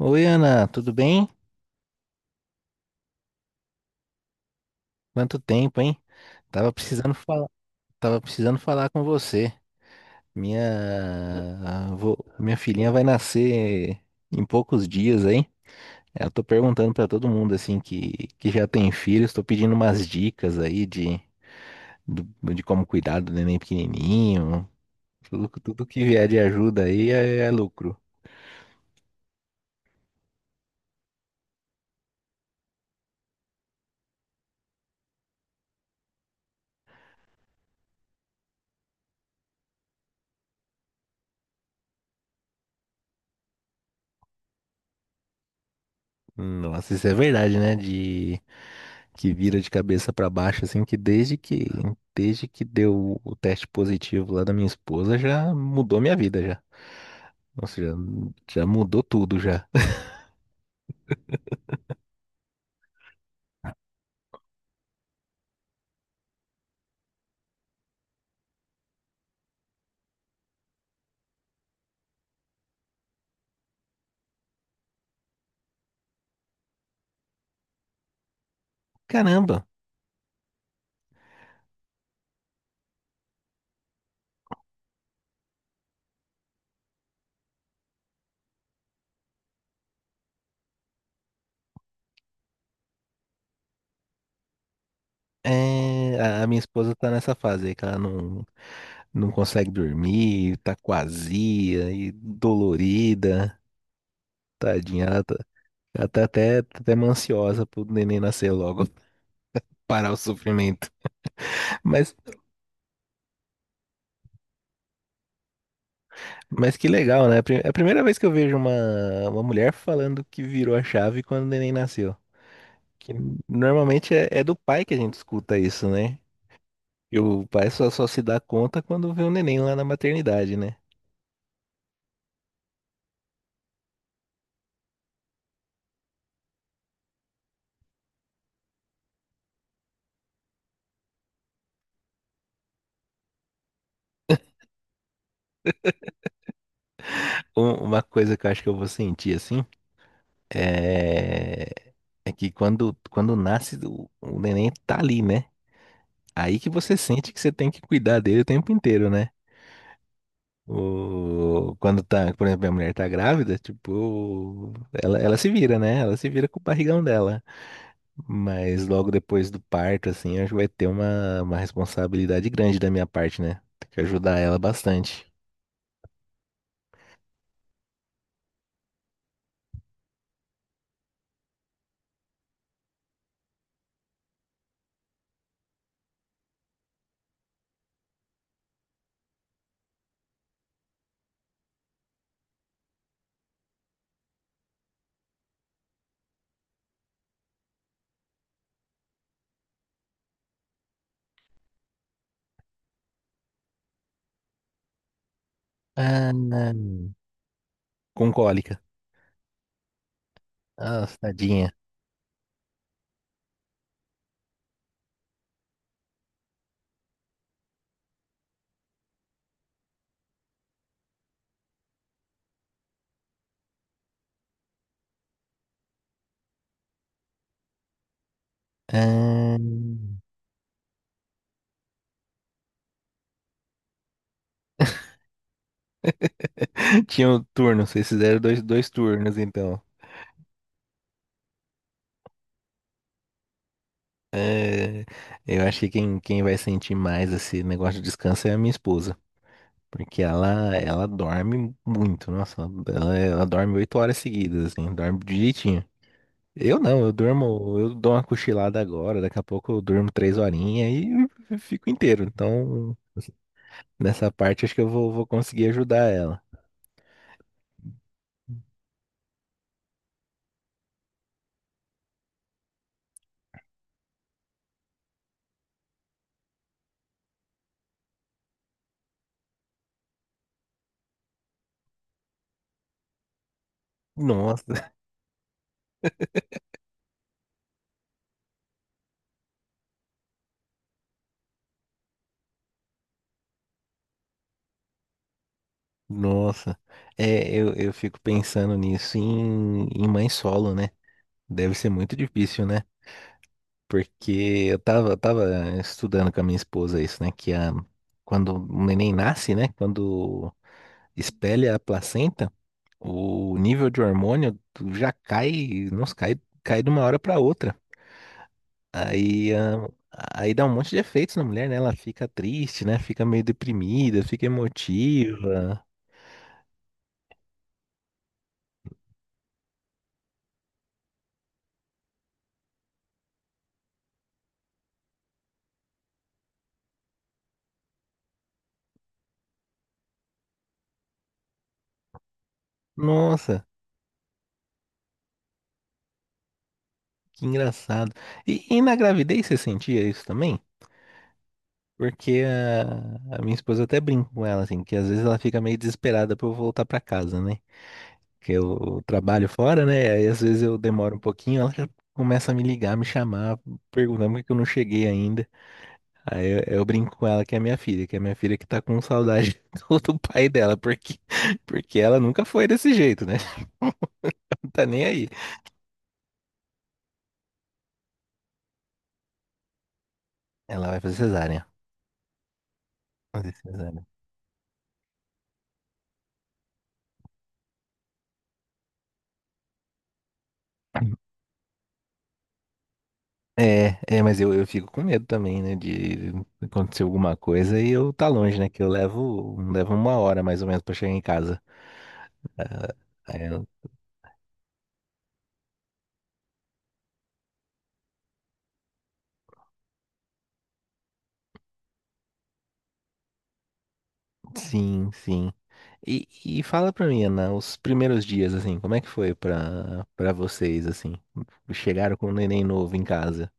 Oi, Ana, tudo bem? Quanto tempo, hein? Tava precisando falar, tava precisando falar com você. Minha filhinha vai nascer em poucos dias, hein? Eu tô perguntando pra todo mundo assim que já tem filhos, tô pedindo umas dicas do- de como cuidar do neném pequenininho. Tudo que vier de ajuda aí é lucro. Nossa, isso é verdade, né? Que vira de cabeça pra baixo, assim, que desde que deu o teste positivo lá da minha esposa, já mudou minha vida já. Nossa, já mudou tudo já. Caramba, é, a minha esposa tá nessa fase aí que ela não, não consegue dormir, tá quazia e dolorida, tadinha, ela tá, ela tá até ansiosa pro neném nascer logo, parar o sofrimento. Mas Mas que legal, né? É a primeira vez que eu vejo uma mulher falando que virou a chave quando o neném nasceu. Que normalmente é do pai que a gente escuta isso, né? E o pai só se dá conta quando vê o neném lá na maternidade, né? Uma coisa que eu acho que eu vou sentir assim é, é que quando nasce, o neném tá ali, né? Aí que você sente que você tem que cuidar dele o tempo inteiro, né? O... Quando tá, por exemplo, minha mulher tá grávida, tipo, ela se vira, né? Ela se vira com o barrigão dela. Mas logo depois do parto, assim, acho que vai ter uma responsabilidade grande da minha parte, né? Tem que ajudar ela bastante. Ah, com cólica. Ah, tadinha. Ah. Tinha um turno, vocês fizeram dois turnos, então. Eu acho que quem vai sentir mais esse negócio de descanso é a minha esposa. Porque ela dorme muito, nossa, ela dorme 8 horas seguidas, assim, dorme direitinho. Eu não, eu durmo, eu dou uma cochilada agora, daqui a pouco eu durmo 3 horinhas e eu fico inteiro. Então, nessa parte acho que vou conseguir ajudar ela. Nossa, nossa. É, eu fico pensando nisso em mãe solo, né? Deve ser muito difícil, né? Porque eu tava estudando com a minha esposa isso, né? Que a, quando o neném nasce, né? Quando espelha a placenta, o nível de hormônio já cai, nossa, cai de uma hora para outra. Aí, ah, aí dá um monte de efeitos na mulher, né? Ela fica triste, né? Fica meio deprimida, fica emotiva. Nossa, que engraçado. E na gravidez você sentia isso também? Porque a minha esposa eu até brinco com ela, assim, que às vezes ela fica meio desesperada pra eu voltar pra casa, né? Que eu trabalho fora, né? Aí às vezes eu demoro um pouquinho, ela já começa a me ligar, me chamar, perguntando por que que eu não cheguei ainda. Aí eu brinco com ela que é minha filha, que é minha filha que tá com saudade do pai dela, porque ela nunca foi desse jeito, né? Não tá nem aí. Ela vai fazer cesárea. Fazer cesárea. É, é, mas eu fico com medo também, né, de acontecer alguma coisa e eu tá longe, né, que eu levo 1 hora mais ou menos pra chegar em casa. Ah, é, sim. E fala pra mim, Ana, os primeiros dias, assim, como é que foi pra, pra vocês, assim? Chegaram com um neném novo em casa.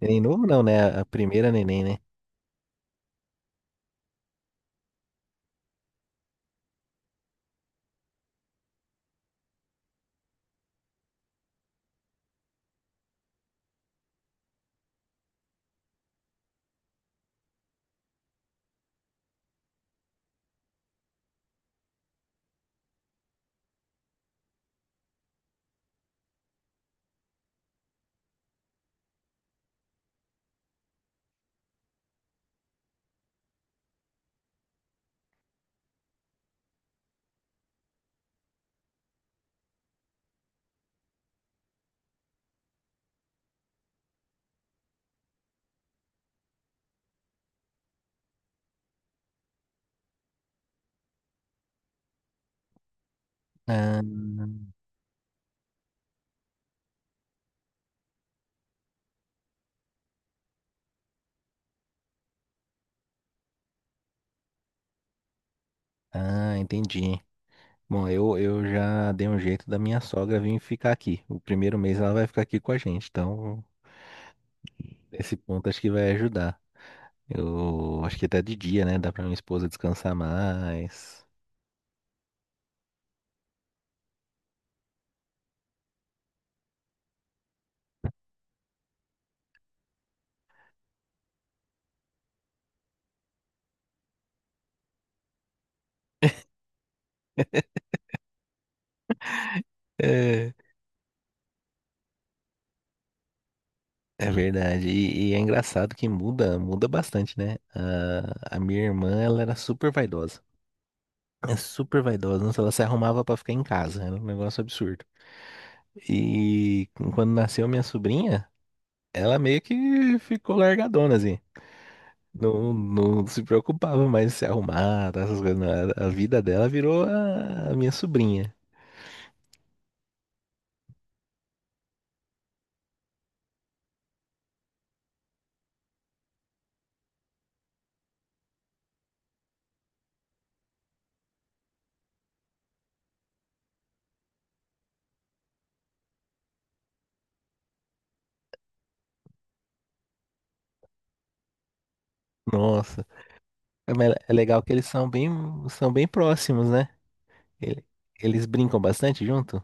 Neném novo não, né, a primeira neném, né? Ah, ah, entendi. Bom, eu já dei um jeito da minha sogra vir ficar aqui. O primeiro mês ela vai ficar aqui com a gente, então... Esse ponto acho que vai ajudar. Eu acho que até de dia, né? Dá pra minha esposa descansar mais. É, É verdade. E é engraçado que muda bastante, né? A minha irmã, ela era super vaidosa. É super vaidosa. Nossa, ela se arrumava pra ficar em casa. Era um negócio absurdo. E quando nasceu minha sobrinha, ela meio que ficou largadona, assim. Não se preocupava mais em se arrumar, tá, essas coisas. Não. A vida dela virou a minha sobrinha. Nossa. É, mas é legal que eles são bem próximos, né? Ele- Eles brincam bastante junto?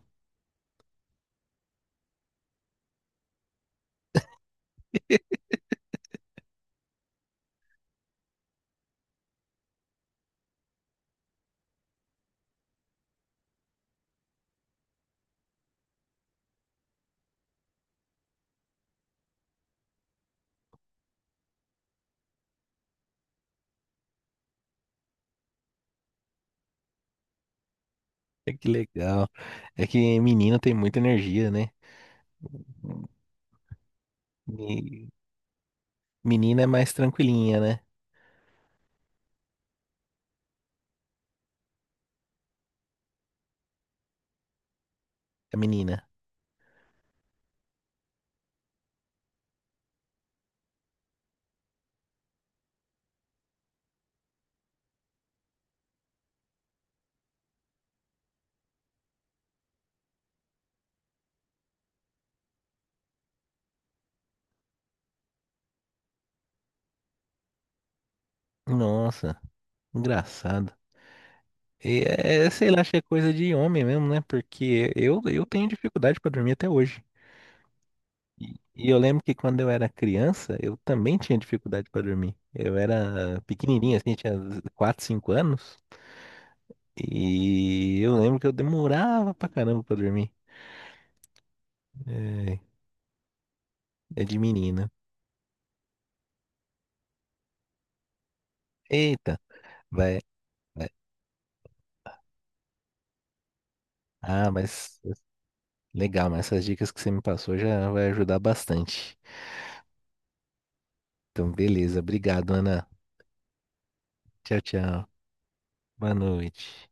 É, que legal. É que menino tem muita energia, né? Me- Menina é mais tranquilinha, né? A menina. Nossa, engraçado. E é, sei lá, acho que é coisa de homem mesmo, né? Porque eu tenho dificuldade pra dormir até hoje. E eu lembro que quando eu era criança, eu também tinha dificuldade pra dormir. Eu era pequenininho, assim, tinha 4, 5 anos. E eu lembro que eu demorava pra caramba pra dormir. É, é de menina. Eita, vai, vai. Ah, mas legal, mas essas dicas que você me passou já vai ajudar bastante. Então, beleza. Obrigado, Ana. Tchau. Boa noite.